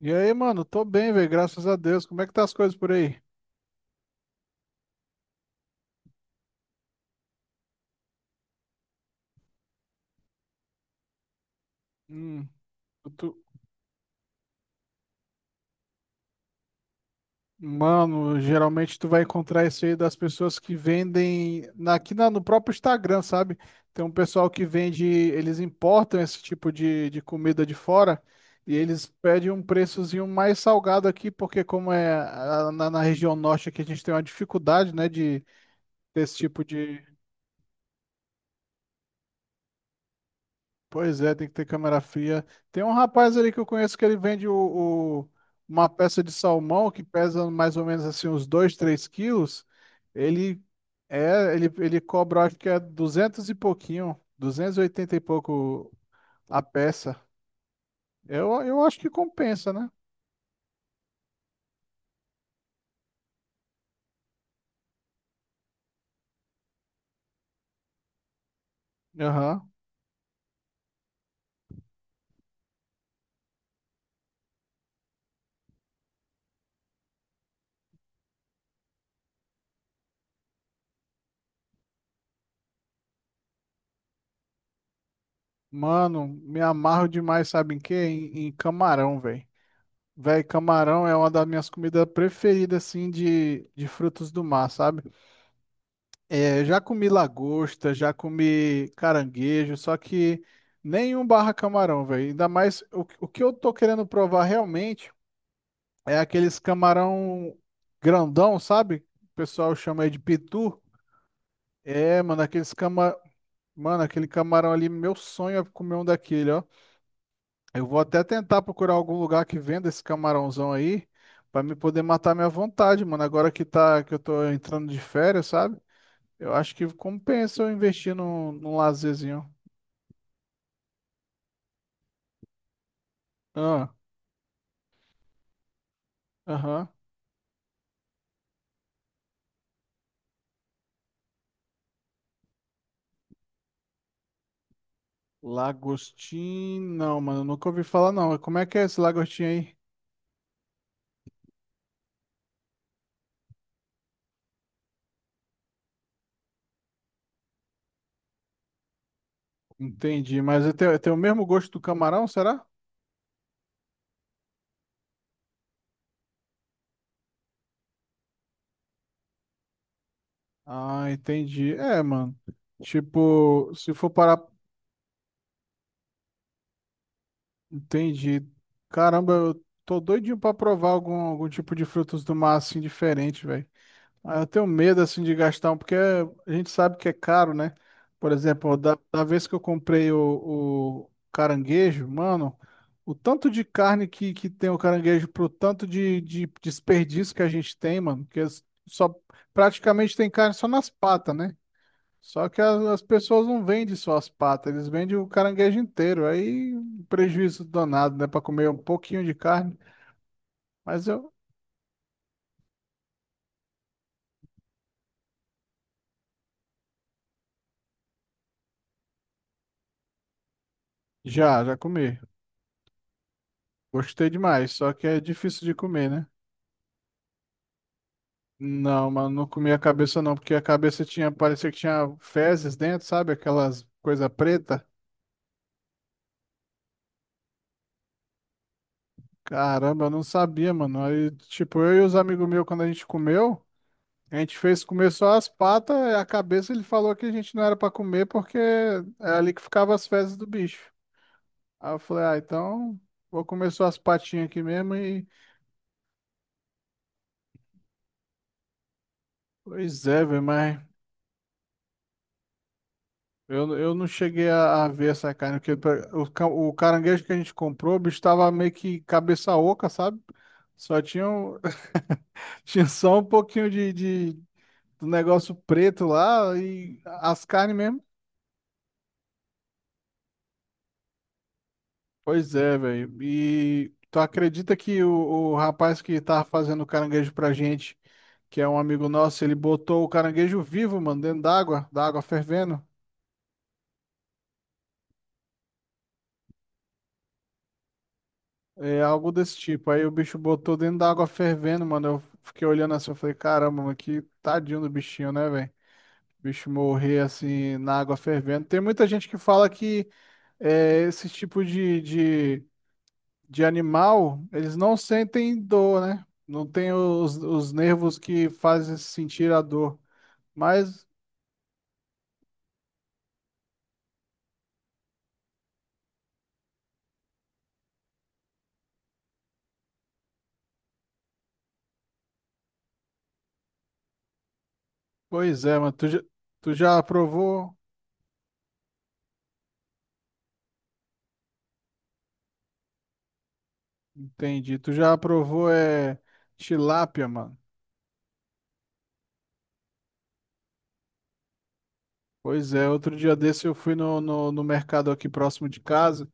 E aí, mano, tô bem, velho, graças a Deus. Como é que tá as coisas por aí? Hum, tu- Mano, geralmente tu vai encontrar isso aí das pessoas que vendem aqui no próprio Instagram, sabe? Tem um pessoal que vende, eles importam esse tipo de comida de fora e eles pedem um preçozinho mais salgado aqui, porque como é na região norte aqui a gente tem uma dificuldade, né, de ter esse tipo de. Pois é, tem que ter câmera fria. Tem um rapaz ali que eu conheço que ele vende o- uma peça de salmão que pesa mais ou menos assim uns 2 3 quilos. Ele ele cobra, acho que é 200 e pouquinho, 280 e oitenta e pouco a peça. Eu acho que compensa, né? Aham. Mano, me amarro demais, sabe em quê? Em camarão, velho. Véi, camarão é uma das minhas comidas preferidas, assim, de frutos do mar, sabe? É, já comi lagosta, já comi caranguejo, só que nenhum barra camarão, velho. Ainda mais o que eu tô querendo provar realmente é aqueles camarão grandão, sabe? O pessoal chama aí de pitu. É, mano, mano, aquele camarão ali, meu sonho é comer um daquele, ó. Eu vou até tentar procurar algum lugar que venda esse camarãozão aí, pra me poder matar minha vontade, mano. Agora que eu tô entrando de férias, sabe? Eu acho que compensa eu investir num lazerzinho. Ah, aham. Lagostim, não, mano, eu nunca ouvi falar não. Como é que é esse lagostim aí? Entendi, mas ele tem o mesmo gosto do camarão, será? Ah, entendi. É, mano. Tipo, se for parar. Entendi. Caramba, eu tô doidinho pra provar algum tipo de frutos do mar assim diferente, velho. Ah, eu tenho medo assim de gastar, porque a gente sabe que é caro, né? Por exemplo, da vez que eu comprei o caranguejo, mano, o tanto de carne que tem o caranguejo pro tanto de desperdício que a gente tem, mano, que só praticamente tem carne só nas patas, né? Só que as pessoas não vendem só as patas, eles vendem o caranguejo inteiro. Aí um prejuízo danado, né? Pra comer um pouquinho de carne. Mas eu já comi. Gostei demais, só que é difícil de comer, né? Não, mano, não comia a cabeça não, porque a cabeça tinha, parecia que tinha fezes dentro, sabe? Aquelas coisa preta. Caramba, eu não sabia, mano. Aí, tipo, eu e os amigos meus, quando a gente comeu, a gente fez comer só as patas, a cabeça ele falou que a gente não era pra comer porque é ali que ficavam as fezes do bicho. Aí eu falei, ah, então vou comer só as patinhas aqui mesmo e... Pois é, velho, mas... Eu não cheguei a ver essa carne, porque o caranguejo que a gente comprou, o bicho tava meio que cabeça oca, sabe? Só tinha, tinha só um pouquinho do negócio preto lá e as carnes mesmo. Pois é, velho. E tu acredita que o rapaz que tava fazendo o caranguejo pra gente, que é um amigo nosso, ele botou o caranguejo vivo, mano, dentro d'água, da água fervendo. É algo desse tipo. Aí o bicho botou dentro da água fervendo, mano. Eu fiquei olhando assim, eu falei, caramba, mano, que tadinho do bichinho, né, velho? O bicho morrer assim na água fervendo. Tem muita gente que fala que esse tipo de, de animal, eles não sentem dor, né? Não tem os nervos que fazem sentir a dor. Mas, pois é, mano, tu já provou? Entendi. Tu já provou tilápia, mano? Pois é, outro dia desse eu fui no mercado aqui próximo de casa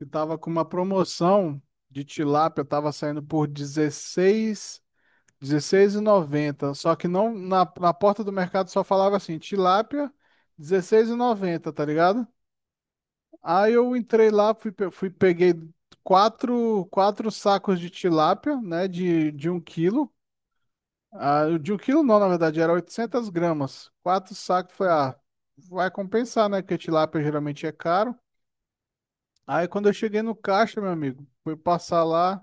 e tava com uma promoção de tilápia, tava saindo por 16,90. Só que não na porta do mercado só falava assim, tilápia 16,90, tá ligado? Aí eu entrei lá, fui peguei quatro sacos de tilápia, né, de um quilo, ah, o de um quilo não, na verdade, era 800 gramas. Quatro sacos, foi, vai compensar, né? Porque tilápia geralmente é caro. Aí quando eu cheguei no caixa, meu amigo, fui passar lá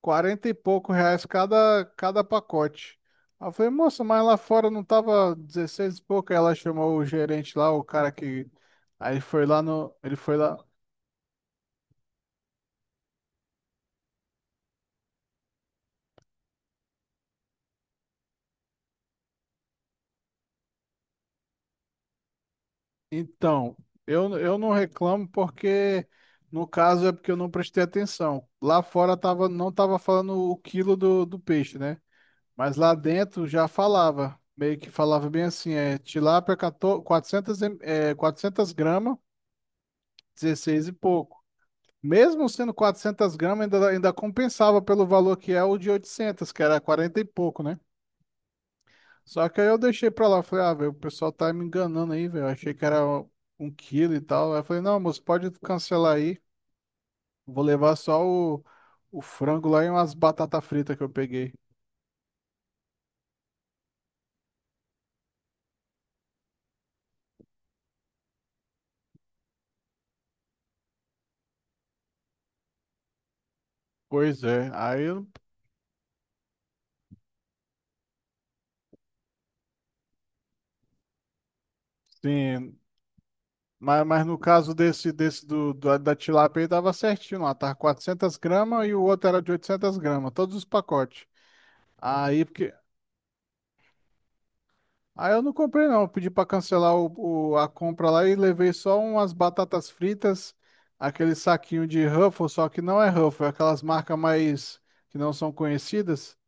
40 e pouco reais cada pacote. Aí eu falei, moça, mas lá fora não tava 16 e pouco. Aí ela chamou o gerente lá, o cara que. Aí ele foi lá no. Ele foi lá. Então, eu não reclamo porque, no caso, é porque eu não prestei atenção. Lá fora tava, não tava falando o quilo do peixe, né? Mas lá dentro já falava. Meio que falava bem assim, é tilápia 14, 400, 400 gramas, 16 e pouco. Mesmo sendo 400 gramas, ainda compensava pelo valor que é o de 800 que era quarenta e pouco, né? Só que aí eu deixei pra lá, falei, ah, velho, o pessoal tá me enganando aí, velho. Eu achei que era um quilo e tal. Aí eu falei, não, moço, pode cancelar aí. Vou levar só o frango lá e umas batata frita que eu peguei. Pois é, aí eu, sim. Mas no caso desse da tilápia aí tava certinho lá, tava 400 gramas e o outro era de 800 gramas, todos os pacotes. Aí, porque, ah, eu não comprei não. Eu pedi para cancelar a compra lá e levei só umas batatas fritas, aquele saquinho de Ruffles, só que não é Ruffles, é aquelas marcas mais que não são conhecidas,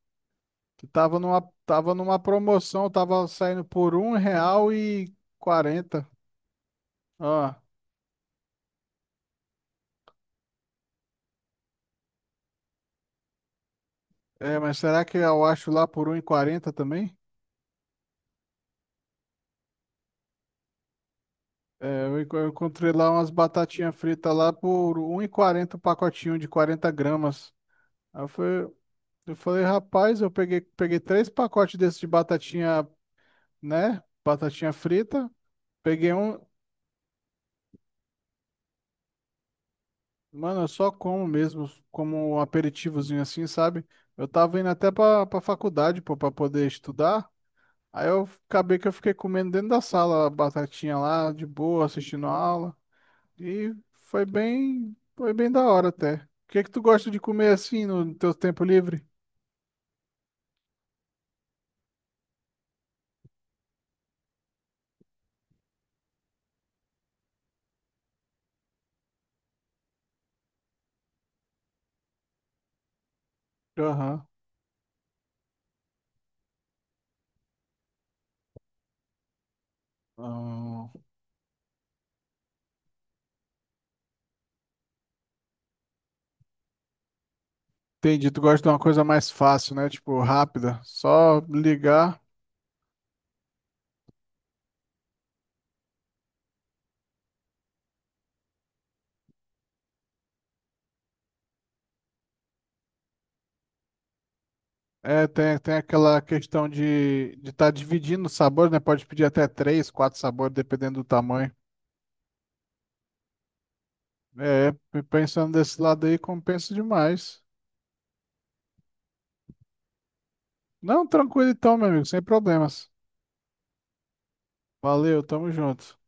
que tava numa promoção, tava saindo por R$1,40. Ah, é, mas será que eu acho lá por 1,40 também? É, eu encontrei lá umas batatinhas fritas lá por 1,40, um pacotinho de 40 gramas. Aí foi. Eu falei, rapaz, eu peguei três pacotes desses de batatinha, né? Batatinha frita. Peguei um. Mano, eu só como mesmo, como um aperitivozinho assim, sabe? Eu tava indo até pra faculdade, pô, pra poder estudar. Aí eu acabei que eu fiquei comendo dentro da sala a batatinha lá, de boa, assistindo a aula. E foi bem da hora até. O que que tu gosta de comer assim no teu tempo livre? Aham. Ah, entendi, tu gosta de uma coisa mais fácil, né? Tipo, rápida. Só ligar. É, tem aquela questão de estar dividindo os sabores, né? Pode pedir até três, quatro sabores, dependendo do tamanho. É, pensando desse lado aí, compensa demais. Não, tranquilo então, meu amigo, sem problemas. Valeu, tamo junto.